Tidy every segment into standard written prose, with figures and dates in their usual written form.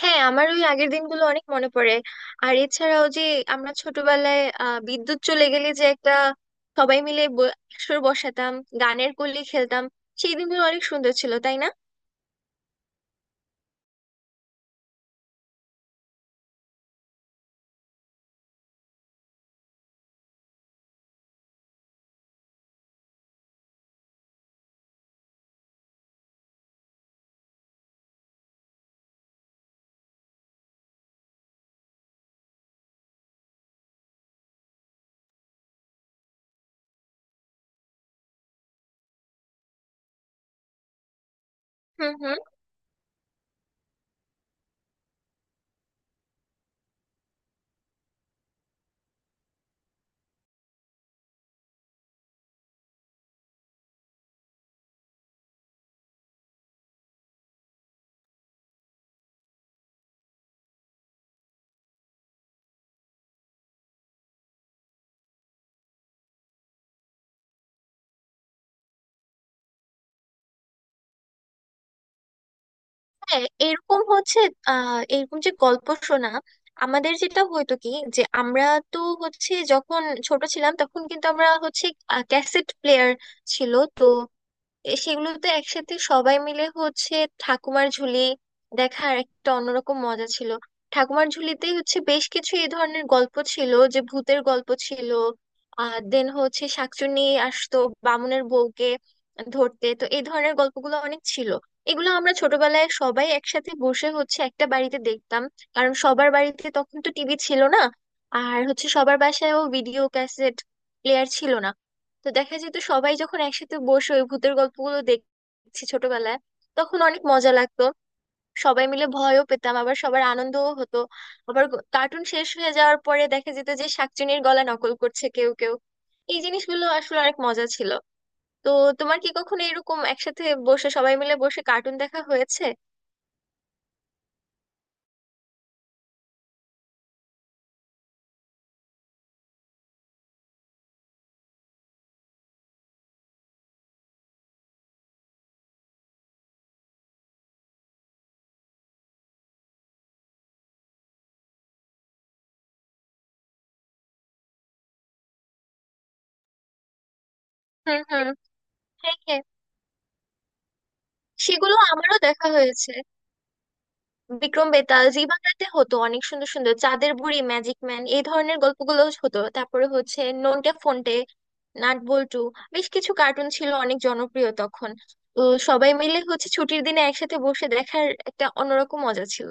হ্যাঁ, আমার ওই আগের দিনগুলো অনেক মনে পড়ে। আর এছাড়াও যে আমরা ছোটবেলায় বিদ্যুৎ চলে গেলে যে একটা সবাই মিলে আসর বসাতাম, গানের কলি খেলতাম। সেই দিনগুলো অনেক সুন্দর ছিল, তাই না? হুম, হুম। হ্যাঁ, এরকম হচ্ছে। এরকম যে গল্প শোনা, আমাদের যেটা হয়তো কি, যে আমরা, তো হচ্ছে যখন ছোট ছিলাম তখন কিন্তু আমরা হচ্ছে ক্যাসেট প্লেয়ার ছিল তো, এ সেগুলোতে একসাথে সবাই মিলে হচ্ছে ঠাকুমার ঝুলি দেখার একটা অন্যরকম মজা ছিল। ঠাকুমার ঝুলিতেই হচ্ছে বেশ কিছু এই ধরনের গল্প ছিল, যে ভূতের গল্প ছিল। আর দেন হচ্ছে শাকচুন্নি আসতো বামুনের বউকে ধরতে, তো এই ধরনের গল্পগুলো অনেক ছিল। এগুলো আমরা ছোটবেলায় সবাই একসাথে বসে হচ্ছে একটা বাড়িতে দেখতাম, কারণ সবার বাড়িতে তখন তো টিভি ছিল না। আর হচ্ছে সবার বাসায়ও ভিডিও ক্যাসেট প্লেয়ার ছিল না। তো দেখা যেত সবাই যখন একসাথে বসে ওই ভূতের গল্পগুলো দেখছি ছোটবেলায়, তখন অনেক মজা লাগতো। সবাই মিলে ভয়ও পেতাম, আবার সবার আনন্দও হতো। আবার কার্টুন শেষ হয়ে যাওয়ার পরে দেখা যেত যে শাকচুনির গলা নকল করছে কেউ কেউ। এই জিনিসগুলো আসলে অনেক মজা ছিল। তো তোমার কি কখনো এরকম একসাথে বসে সবাই মিলে বসে কার্টুন দেখা হয়েছে? হুম, হুম। হ্যাঁ, হ্যাঁ। সেগুলো আমারও দেখা হয়েছে। বিক্রম বেতাল জি বাংলাতে হতো, অনেক সুন্দর সুন্দর চাঁদের বুড়ি, ম্যাজিক ম্যান, এই ধরনের গল্পগুলো হতো। তারপরে হচ্ছে নন্টে ফন্টে, নাট বল্টু, বেশ কিছু কার্টুন ছিল অনেক জনপ্রিয় তখন। তো সবাই মিলে হচ্ছে ছুটির দিনে একসাথে বসে দেখার একটা অন্যরকম মজা ছিল।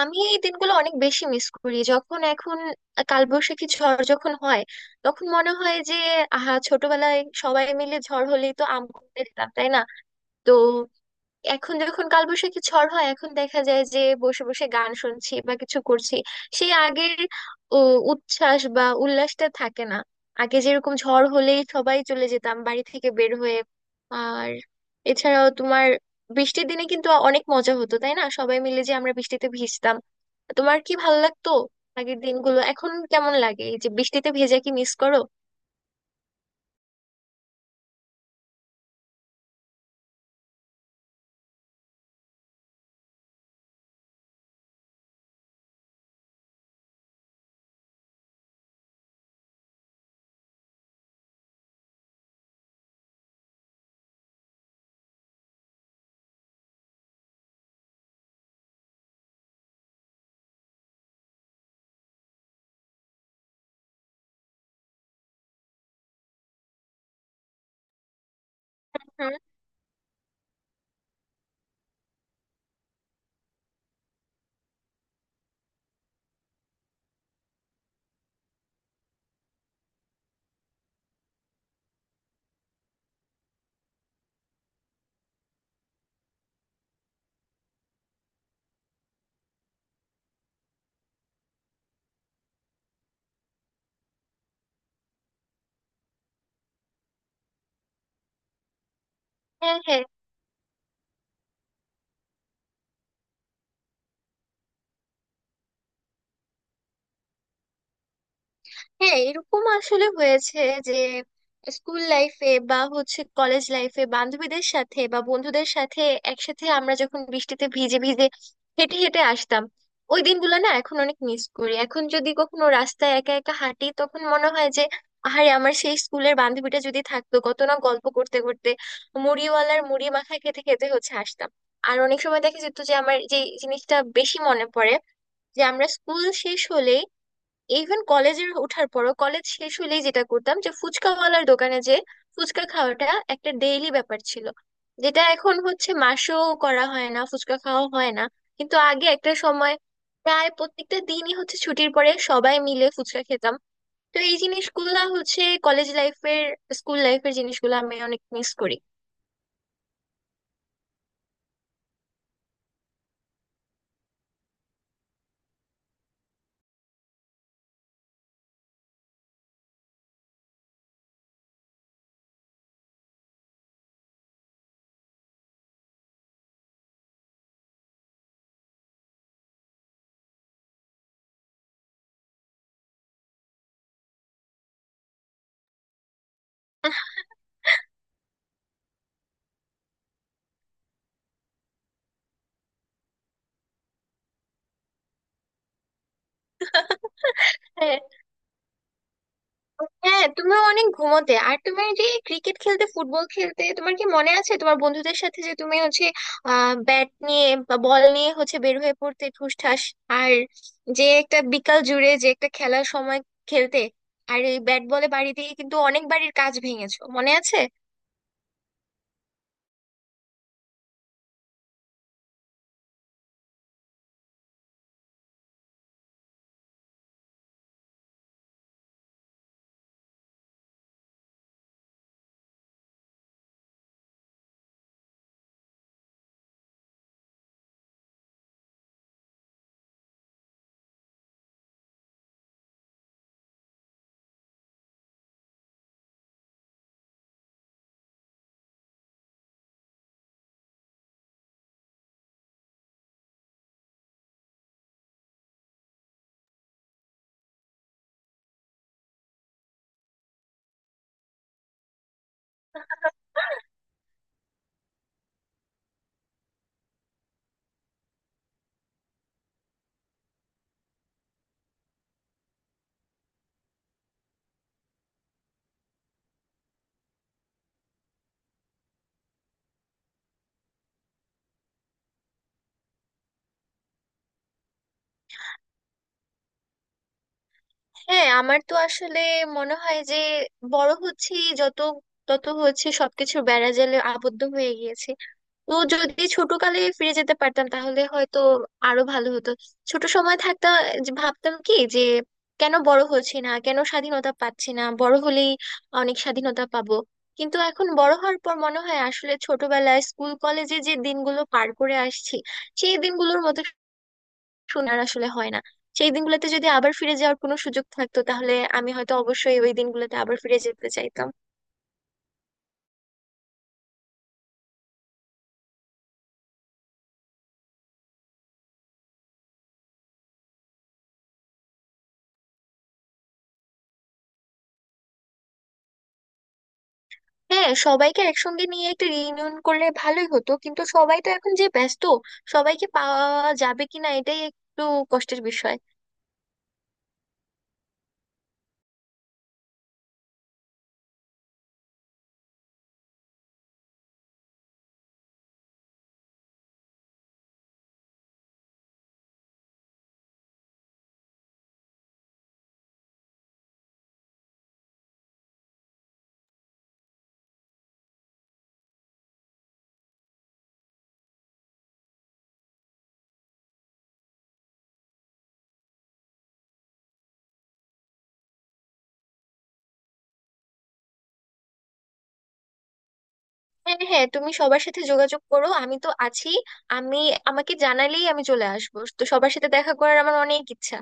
আমি এই দিনগুলো অনেক বেশি মিস করি। যখন এখন কালবৈশাখী ঝড় যখন হয় তখন মনে হয় যে আহা, ছোটবেলায় সবাই মিলে ঝড় হলেই তো আম কুড়তে যেতাম, তাই না? তো এখন যখন কালবৈশাখী ঝড় হয় এখন দেখা যায় যে বসে বসে গান শুনছি বা কিছু করছি। সেই আগের ও, উচ্ছ্বাস বা উল্লাসটা থাকে না। আগে যেরকম ঝড় হলেই সবাই চলে যেতাম বাড়ি থেকে বের হয়ে। আর এছাড়াও তোমার বৃষ্টির দিনে কিন্তু অনেক মজা হতো, তাই না? সবাই মিলে যে আমরা বৃষ্টিতে ভিজতাম। তোমার কি ভালো লাগতো আগের দিনগুলো? এখন কেমন লাগে এই যে বৃষ্টিতে ভেজা, কি মিস করো? হুম। হ্যাঁ, হ্যাঁ। হ্যাঁ, এরকম আসলে হয়েছে যে স্কুল লাইফে বা হচ্ছে কলেজ লাইফে বান্ধবীদের সাথে বা বন্ধুদের সাথে একসাথে আমরা যখন বৃষ্টিতে ভিজে ভিজে হেঁটে হেঁটে আসতাম, ওই দিনগুলো না এখন অনেক মিস করি। এখন যদি কখনো রাস্তায় একা একা হাঁটি তখন মনে হয় যে আহারে, আমার সেই স্কুলের বান্ধবীটা যদি থাকতো কত না গল্প করতে করতে মুড়িওয়ালার মুড়ি মাখা খেতে খেতে হচ্ছে আসতাম। আর অনেক সময় দেখা যেত যে আমার যে জিনিসটা বেশি মনে পড়ে, যে আমরা স্কুল শেষ হলেই, ইভেন কলেজের ওঠার পরও কলেজ শেষ হলেই যেটা করতাম যে ফুচকাওয়ালার দোকানে যে ফুচকা খাওয়াটা একটা ডেইলি ব্যাপার ছিল, যেটা এখন হচ্ছে মাসেও করা হয় না, ফুচকা খাওয়া হয় না। কিন্তু আগে একটা সময় প্রায় প্রত্যেকটা দিনই হচ্ছে ছুটির পরে সবাই মিলে ফুচকা খেতাম। তো এই জিনিসগুলা হচ্ছে কলেজ লাইফের, স্কুল লাইফের জিনিসগুলো আমি অনেক মিস করি। হ্যাঁ, হ্যাঁ, তুমিও অনেক ঘুমোতে। আর তুমি যে ক্রিকেট খেলতে, ফুটবল খেলতে, তোমার কি মনে আছে তোমার বন্ধুদের সাথে যে তুমি হচ্ছে ব্যাট নিয়ে বা বল নিয়ে হচ্ছে বের হয়ে পড়তে ঠুসঠাস, আর যে একটা বিকাল জুড়ে যে একটা খেলার সময় খেলতে, আর এই ব্যাট বলে বাড়ি দিয়ে কিন্তু অনেক বাড়ির কাজ ভেঙেছো, মনে আছে? হ্যাঁ, আমার তো আসলে মনে হয় যে বড় হচ্ছি যত, তত হচ্ছে সবকিছু বেড়াজালে আবদ্ধ হয়ে গিয়েছে। তো যদি ছোটকালে ফিরে যেতে পারতাম তাহলে হয়তো আরো ভালো হতো। ছোট সময় থাকতে যে ভাবতাম কি, যে কেন বড় হচ্ছি না, কেন স্বাধীনতা পাচ্ছি না, বড় হলেই অনেক স্বাধীনতা পাবো। কিন্তু এখন বড় হওয়ার পর মনে হয় আসলে ছোটবেলায় স্কুল কলেজে যে দিনগুলো পার করে আসছি সেই দিনগুলোর মতো সোনার আসলে হয় না। সেই দিনগুলোতে যদি আবার ফিরে যাওয়ার কোনো সুযোগ থাকতো তাহলে আমি হয়তো অবশ্যই ওই দিনগুলোতে আবার ফিরে যেতে চাইতাম। হ্যাঁ, সবাইকে একসঙ্গে নিয়ে একটা রিইউনিয়ন করলে ভালোই হতো, কিন্তু সবাই তো এখন যে ব্যস্ত, সবাইকে পাওয়া যাবে কিনা এটাই একটু কষ্টের বিষয়। হ্যাঁ, হ্যাঁ, তুমি সবার সাথে যোগাযোগ করো, আমি তো আছি। আমি, আমাকে জানালেই আমি চলে আসবো, তো সবার সাথে দেখা করার আমার অনেক ইচ্ছা।